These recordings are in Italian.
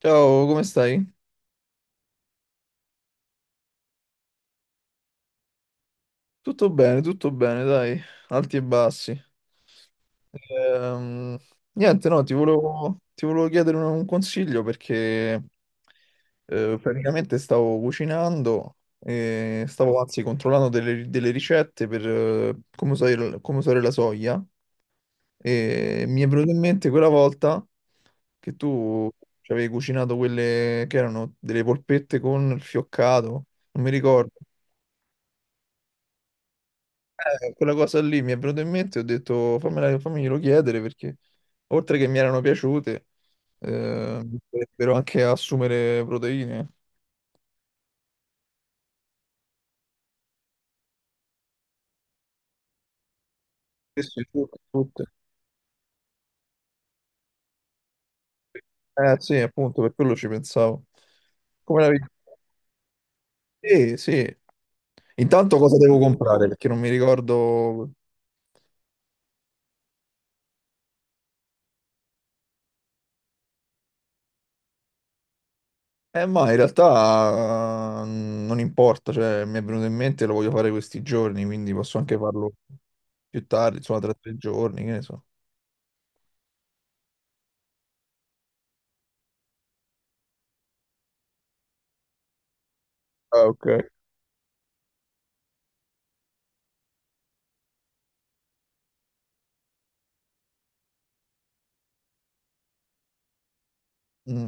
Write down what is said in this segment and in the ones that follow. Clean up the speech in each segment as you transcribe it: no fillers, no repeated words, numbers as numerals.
Ciao, come stai? Tutto bene, dai, alti e bassi. Ehm, niente, no, ti volevo chiedere un consiglio perché praticamente stavo cucinando e stavo anzi controllando delle ricette per come usare la soia e mi è venuto in mente quella volta che tu ci avevi cucinato quelle che erano delle polpette con il fioccato, non mi ricordo. Quella cosa lì mi è venuta in mente, ho detto fammela, fammiglielo chiedere perché oltre che mi erano piaciute, mi potrebbero anche assumere proteine. Sì, sì, tutte, tutte. Eh sì, appunto, per quello ci pensavo. Come la vedi? Sì, sì. Intanto cosa devo comprare? Perché non mi ricordo. Ma in realtà non importa, cioè mi è venuto in mente, lo voglio fare questi giorni, quindi posso anche farlo più tardi, insomma tra tre giorni, che ne so. Ah, ok. Mm,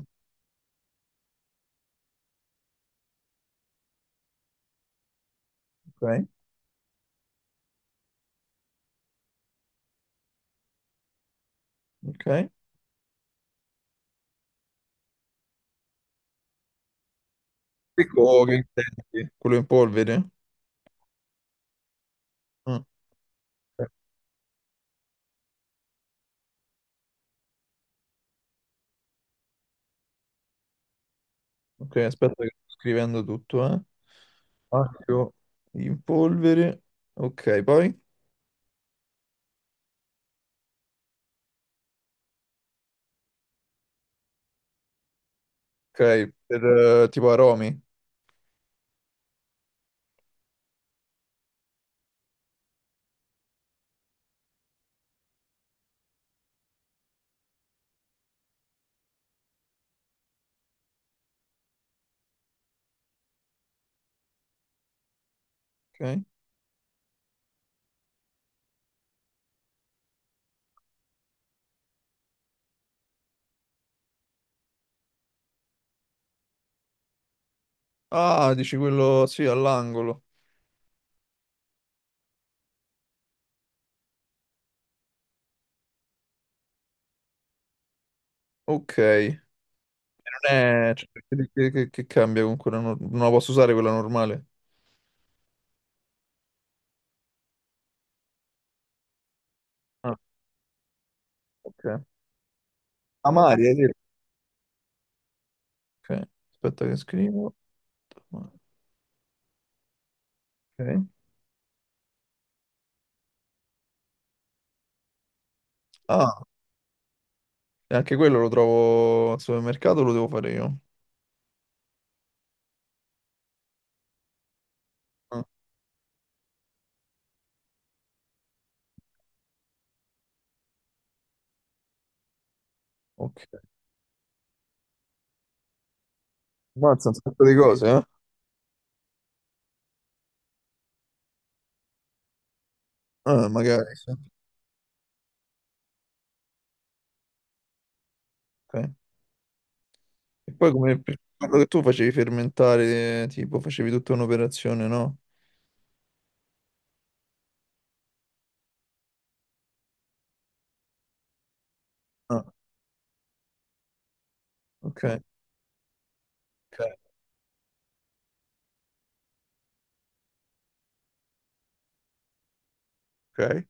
ok. Ok. Secco che intendi? Quello in polvere? Ah, eh, ok, aspetta che sto scrivendo tutto, eh. Accio, in polvere. Ok, poi? Ok, per tipo aromi. Ok. Ah, dici quello, sì, all'angolo. Ok. Non è, cioè, che cambia con quella Non la posso usare quella normale? Ah, ok. Amari, hai detto. Ok, aspetta che scrivo. Ok. Ah, e anche quello lo trovo al supermercato, lo devo fare io. Ah, ok. Mazza, un sacco di cose, eh? Ah, magari, sì. Ok. E poi come per quello che tu facevi fermentare, tipo facevi tutta un'operazione, no? Ah, ok, ok, ok.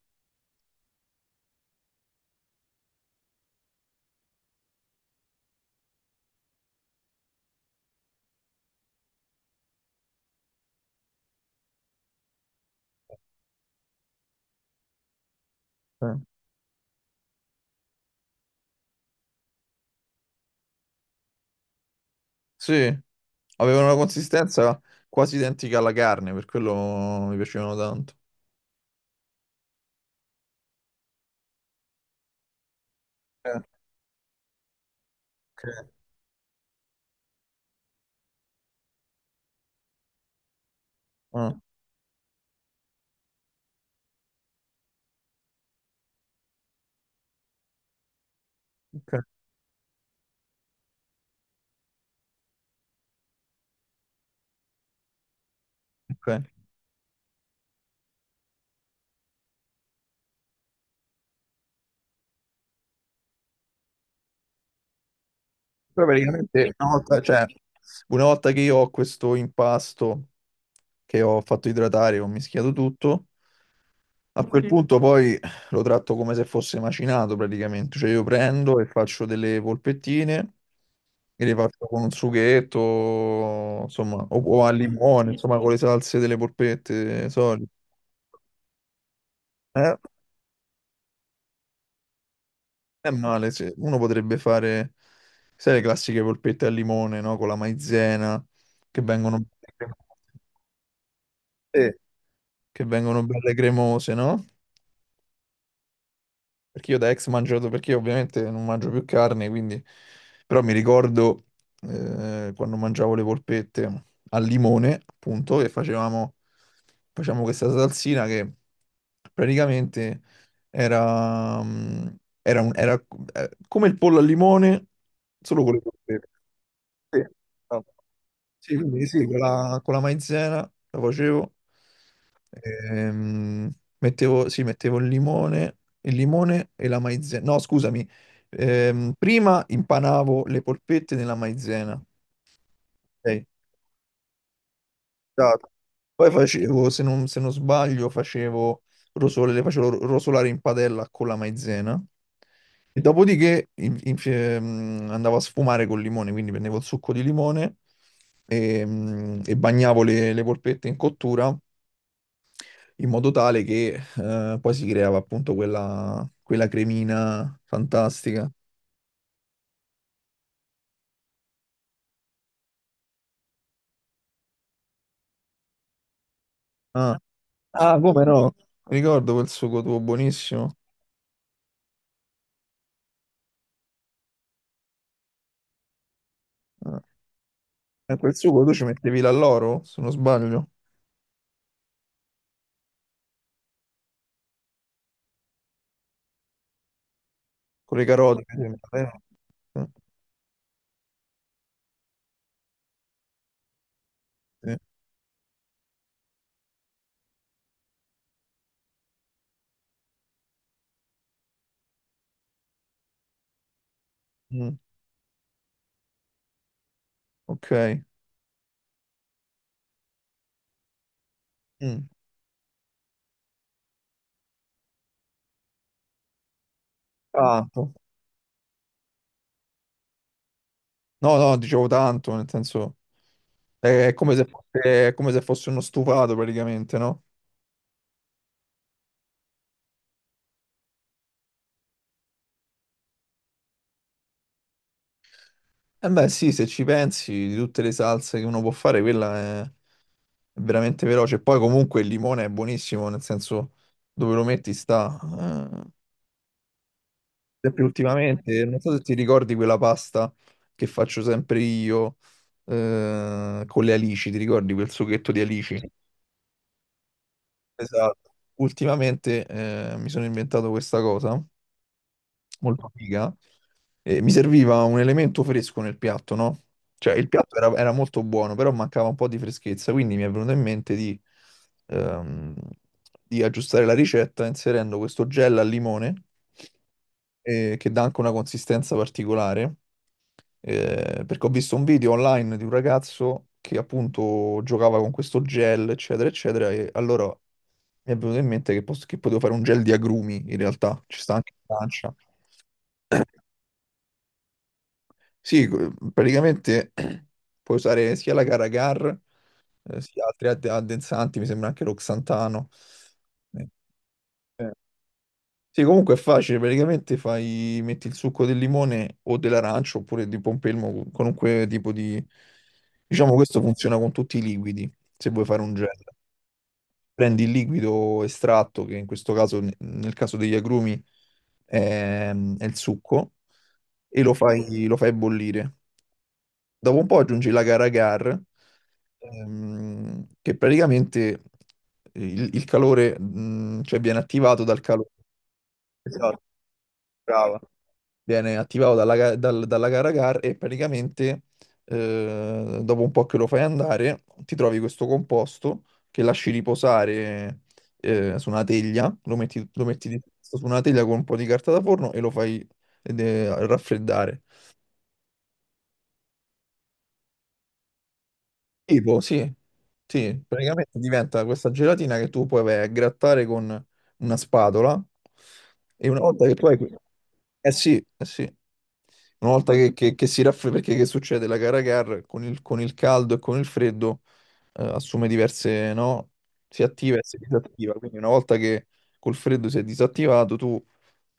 Ok. Sì, avevano una consistenza quasi identica alla carne, per quello mi piacevano tanto. Eh, ok. Ah, ok, ok. Poi praticamente una volta, cioè, una volta che io ho questo impasto che ho fatto idratare, ho mischiato tutto, a quel sì, punto poi lo tratto come se fosse macinato praticamente, cioè io prendo e faccio delle polpettine e le faccio con un sughetto, insomma, o al limone, insomma, con le salse delle polpette solite. Eh, è male, sì. Uno potrebbe fare, sai, le classiche polpette al limone, no? Con la maizena, che vengono, sì, che vengono belle cremose, no? Perché io da ex mangio, perché io ovviamente non mangio più carne, quindi. Però mi ricordo quando mangiavo le polpette al limone, appunto, facevamo questa salsina che praticamente era, mm, era, un- era co- come il pollo al limone, solo con le polpette. Sì. No. Sì, quindi sì, con con la maizena lo facevo. Ehm, mettevo, sì, mettevo il limone e la maizena. No, scusami. Prima impanavo le polpette nella maizena. Ok? Esatto. Poi facevo, se non sbaglio, facevo rosole, le facevo rosolare in padella con la maizena e dopodiché andavo a sfumare col limone, quindi prendevo il succo di limone e bagnavo le polpette in cottura in modo tale che poi si creava appunto quella cremina fantastica. Ah. Ah, come no? Ricordo quel sugo tuo buonissimo. Ah. E quel sugo tu ci mettevi l'alloro, se non sbaglio. Con le carote. Eh, sì. Mm, ok. Mm, tanto. No, no, dicevo tanto, nel senso, è come se fosse uno stufato praticamente, no? Eh beh, sì, se ci pensi, di tutte le salse che uno può fare, quella è veramente veloce. Poi comunque il limone è buonissimo, nel senso dove lo metti sta. Eh, sempre ultimamente, non so se ti ricordi quella pasta che faccio sempre io con le alici, ti ricordi quel sughetto di alici? Esatto. Ultimamente mi sono inventato questa cosa, molto figa, e mi serviva un elemento fresco nel piatto, no? Cioè, era molto buono, però mancava un po' di freschezza, quindi mi è venuto in mente ehm, di aggiustare la ricetta inserendo questo gel al limone, che dà anche una consistenza particolare, perché ho visto un video online di un ragazzo che appunto giocava con questo gel, eccetera, eccetera, e allora mi è venuto in mente che potevo fare un gel di agrumi, in realtà, ci sta anche in Francia. Sì, praticamente puoi usare sia la Caracar, sia altri addensanti, mi sembra anche l'oxantano. Eh, eh. Sì, comunque è facile, praticamente fai, metti il succo del limone o dell'arancio oppure di pompelmo, qualunque tipo di. Diciamo questo funziona con tutti i liquidi, se vuoi fare un gel. Prendi il liquido estratto, che in questo caso, nel caso degli agrumi, è, è il succo, lo fai bollire. Dopo un po' aggiungi la gara GAR, che praticamente il calore, cioè viene attivato dal calore. Esatto, brava. Viene attivato dalla gara GAR e praticamente dopo un po' che lo fai andare, ti trovi questo composto che lasci riposare su una teglia, lo metti su una teglia con un po' di carta da forno e lo fai raffreddare. Tipo, sì, sì, praticamente diventa questa gelatina che tu puoi vai a grattare con una spatola e una volta che tu hai, eh sì, eh sì. Una volta che si raffredda, perché che succede? La Cara Car con con il caldo e con il freddo assume diverse, no? Si attiva e si disattiva, quindi una volta che col freddo si è disattivato tu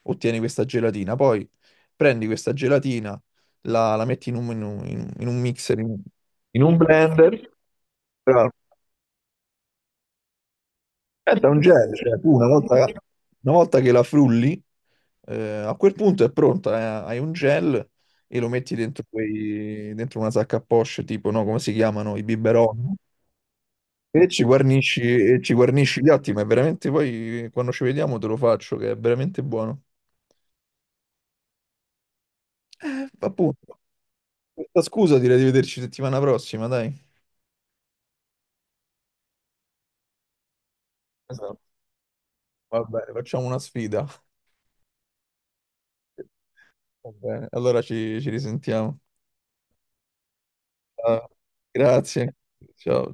ottieni questa gelatina, poi prendi questa gelatina, la metti in un, in un mixer, in, in un blender però. Aspetta, è un genere, cioè, una volta che la frulli, a quel punto è pronta, hai un gel e lo metti dentro, dentro una sacca a poche, tipo, no, come si chiamano, i biberon, e ci guarnisci gli atti, ma è veramente poi, quando ci vediamo, te lo faccio, che è veramente buono. Appunto, questa scusa direi di vederci settimana prossima, dai. Esatto. Va bene, facciamo una sfida. Va bene, allora ci risentiamo. Ah, grazie, ciao.